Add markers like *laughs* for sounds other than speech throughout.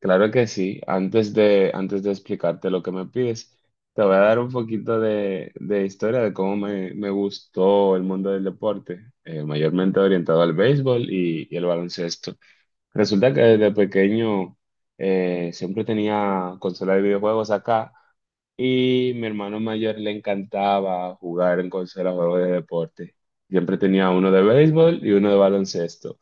Claro que sí. Antes de explicarte lo que me pides, te voy a dar un poquito de historia de cómo me gustó el mundo del deporte, mayormente orientado al béisbol y el baloncesto. Resulta que desde pequeño siempre tenía consola de videojuegos acá y mi hermano mayor le encantaba jugar en consola de juegos de deporte. Siempre tenía uno de béisbol y uno de baloncesto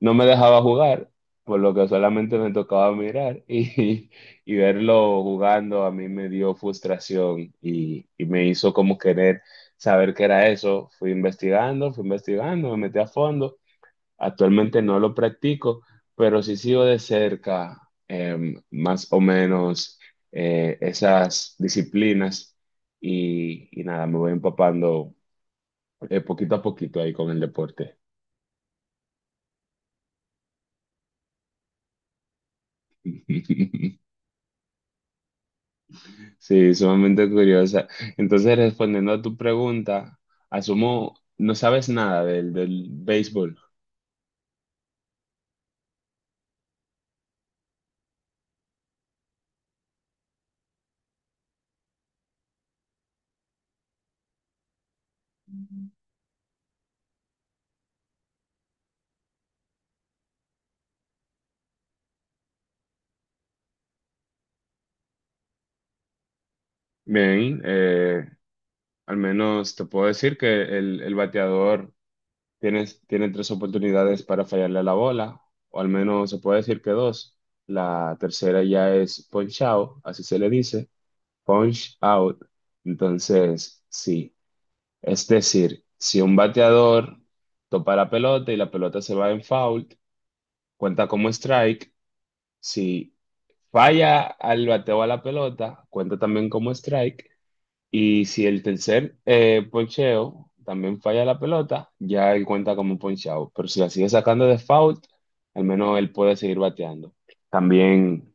no me dejaba jugar, por lo que solamente me tocaba mirar *laughs* y verlo jugando a mí me dio frustración y me hizo como querer saber qué era eso. Fui investigando, me metí a fondo. Actualmente no lo practico, pero sí sigo de cerca más o menos esas disciplinas y nada, me voy empapando poquito a poquito ahí con el deporte. *laughs* Sí, sumamente curiosa. Entonces, respondiendo a tu pregunta, asumo, no sabes nada del béisbol. Bien, al menos te puedo decir que el bateador tiene tres oportunidades para fallarle a la bola, o al menos se puede decir que dos. La tercera ya es punch out, así se le dice, punch out. Entonces, sí, es decir, si un bateador topa la pelota y la pelota se va en foul, cuenta como strike. Si falla al bateo a la pelota, cuenta también como strike. Y si el tercer poncheo también falla la pelota, ya él cuenta como ponchado. Pero si la sigue sacando de foul, al menos él puede seguir bateando. También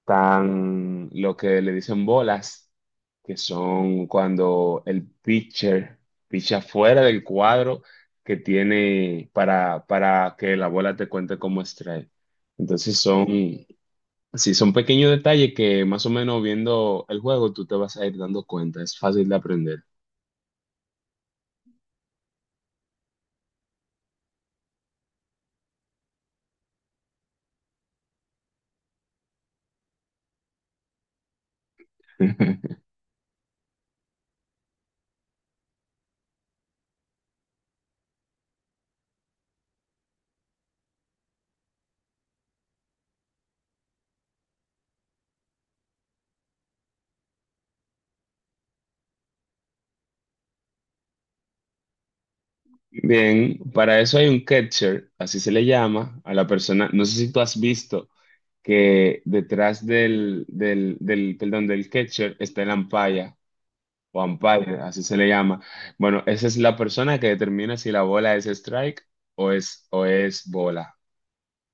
están lo que le dicen bolas, que son cuando el pitcher picha fuera del cuadro que tiene para que la bola te cuente como strike. Entonces son, sí, son pequeños detalles que más o menos viendo el juego tú te vas a ir dando cuenta. Es fácil de aprender. *laughs* Bien, para eso hay un catcher, así se le llama a la persona. No sé si tú has visto que detrás del perdón, del catcher está el umpire, o umpire, así se le llama. Bueno, esa es la persona que determina si la bola es strike o es bola,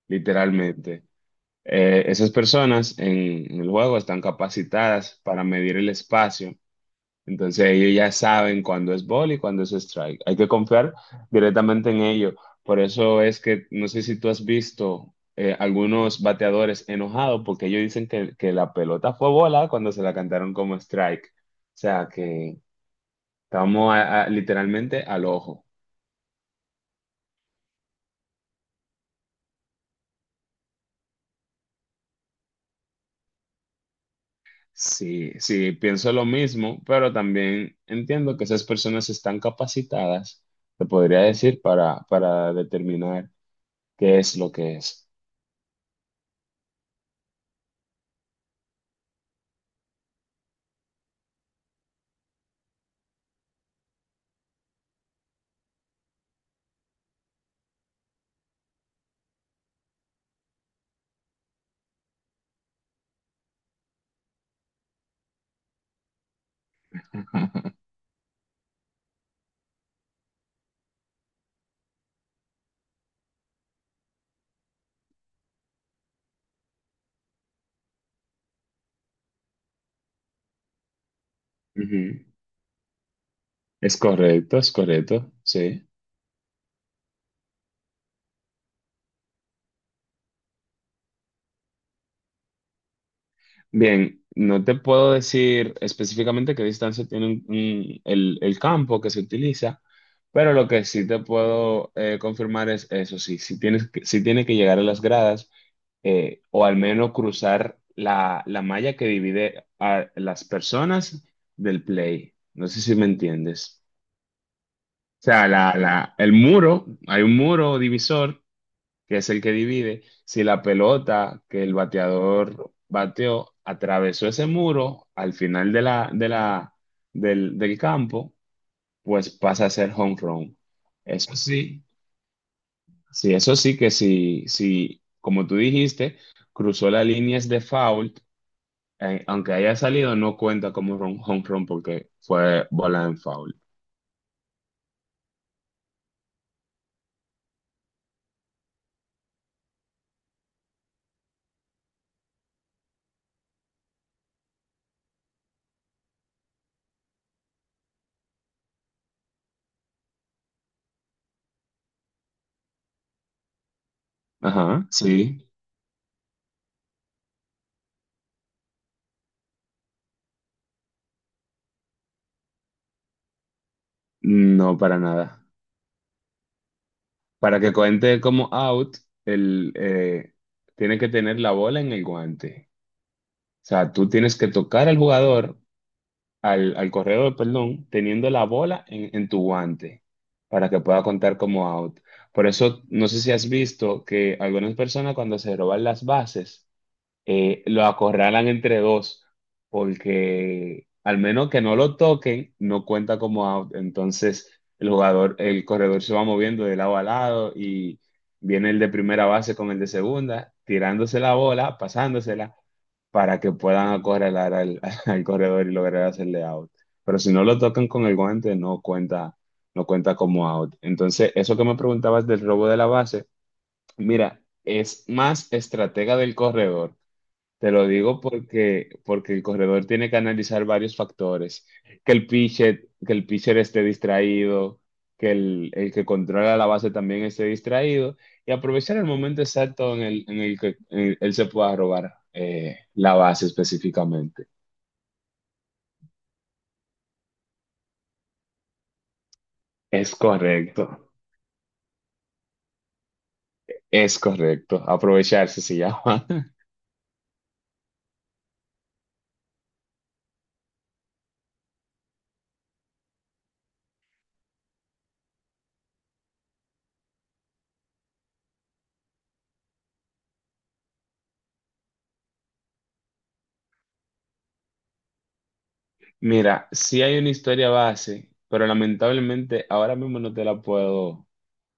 literalmente. Esas personas en el juego están capacitadas para medir el espacio, entonces ellos ya saben cuándo es ball y cuándo es strike. Hay que confiar directamente en ellos. Por eso es que no sé si tú has visto algunos bateadores enojados porque ellos dicen que la pelota fue bola cuando se la cantaron como strike. O sea que estamos literalmente al ojo. Sí, sí, pienso lo mismo, pero también entiendo que esas personas están capacitadas, te podría decir, para determinar qué es lo que es. *laughs* Ujú. Es correcto, sí. Bien, no te puedo decir específicamente qué distancia tiene el campo que se utiliza, pero lo que sí te puedo confirmar es eso, sí, si tienes, sí tiene que llegar a las gradas, o al menos cruzar la, la malla que divide a las personas del play. No sé si me entiendes. O sea, el muro, hay un muro divisor que es el que divide, si la pelota que el bateador bateó atravesó ese muro al final del del campo, pues pasa a ser home run. Eso sí, sí, eso sí que si, si, como tú dijiste, cruzó las líneas de foul, aunque haya salido, no cuenta como home run porque fue bola en foul. Ajá, sí, no para nada. Para que cuente como out, el, eh, tiene que tener la bola en el guante. O sea, tú tienes que tocar al jugador, al corredor, perdón, teniendo la bola en tu guante para que pueda contar como out. Por eso, no sé si has visto que algunas personas cuando se roban las bases, lo acorralan entre dos, porque al menos que no lo toquen, no cuenta como out. Entonces el jugador, el corredor se va moviendo de lado a lado y viene el de primera base con el de segunda, tirándose la bola, pasándosela, para que puedan acorralar al, *laughs* al corredor y lograr hacerle out. Pero si no lo tocan con el guante, no cuenta, no cuenta como out. Entonces, eso que me preguntabas del robo de la base, mira, es más estratega del corredor, te lo digo porque, porque el corredor tiene que analizar varios factores. Que el pitcher esté distraído, que el que controla la base también esté distraído y aprovechar el momento exacto en el que él se pueda robar la base específicamente. Es correcto, es correcto. Aprovecharse se llama. Mira, sí hay una historia base, pero lamentablemente ahora mismo no te la puedo,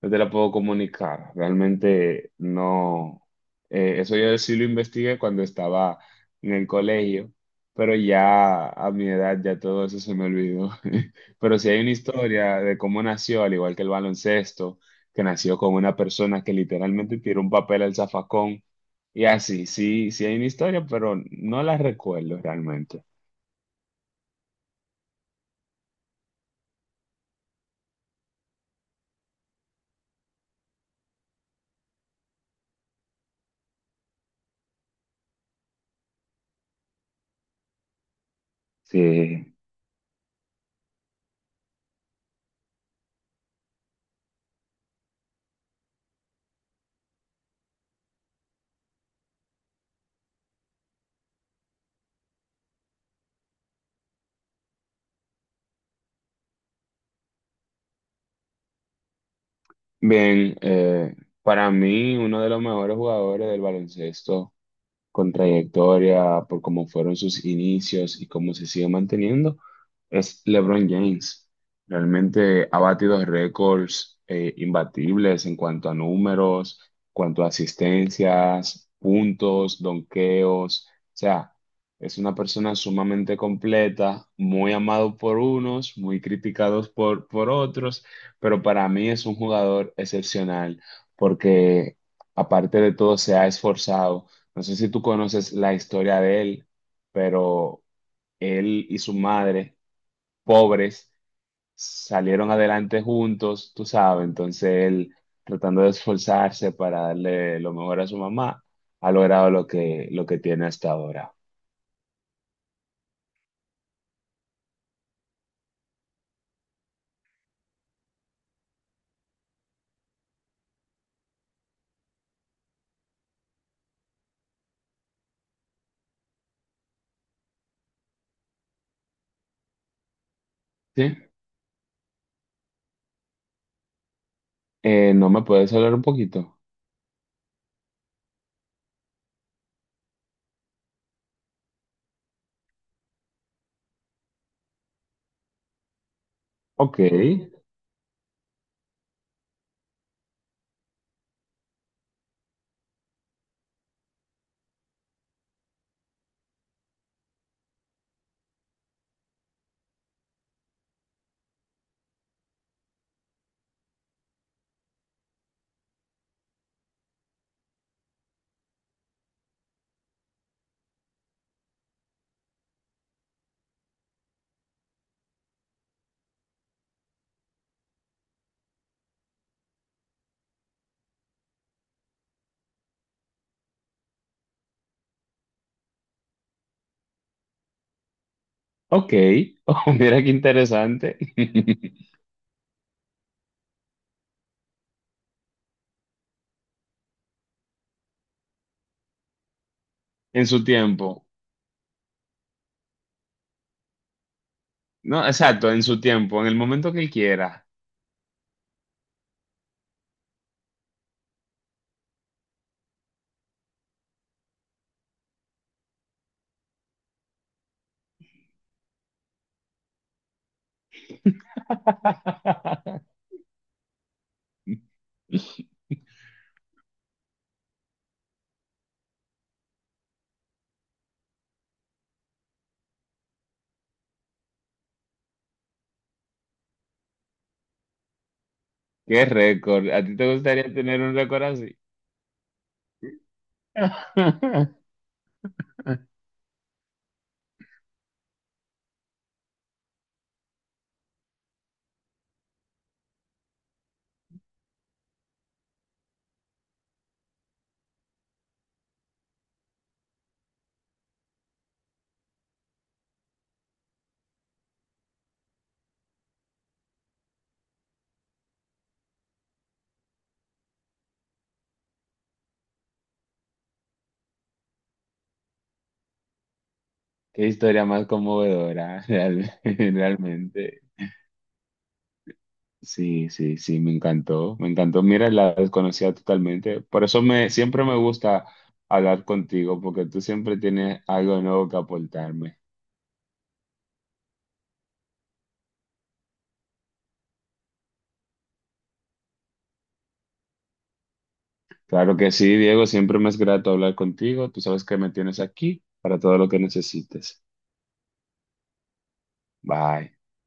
no te la puedo comunicar. Realmente no. Eso yo sí lo investigué cuando estaba en el colegio, pero ya a mi edad ya todo eso se me olvidó. *laughs* Pero sí hay una historia de cómo nació, al igual que el baloncesto, que nació con una persona que literalmente tiró un papel al zafacón y así. Sí, sí hay una historia, pero no la recuerdo realmente. Sí. Bien, para mí uno de los mejores jugadores del baloncesto con trayectoria, por cómo fueron sus inicios y cómo se sigue manteniendo, es LeBron James. Realmente ha batido récords imbatibles en cuanto a números, cuanto a asistencias, puntos, donqueos. O sea, es una persona sumamente completa, muy amado por unos, muy criticados por otros, pero para mí es un jugador excepcional porque aparte de todo se ha esforzado, no sé si tú conoces la historia de él, pero él y su madre, pobres, salieron adelante juntos, tú sabes. Entonces él, tratando de esforzarse para darle lo mejor a su mamá, ha logrado lo que tiene hasta ahora. ¿Sí? ¿ No me puedes hablar un poquito? Ok, ok. *laughs* Oh, mira qué interesante. *laughs* En su tiempo. No, exacto, en su tiempo, en el momento que él quiera. *laughs* Qué récord. ¿A ti te gustaría tener un récord así? *laughs* Qué historia más conmovedora, *laughs* realmente. Sí, sí, sí, me encantó, me encantó. Mira, la desconocía totalmente. Por eso me, siempre me gusta hablar contigo, porque tú siempre tienes algo nuevo que aportarme. Claro que sí, Diego, siempre me es grato hablar contigo. Tú sabes que me tienes aquí para todo lo que necesites. Bye.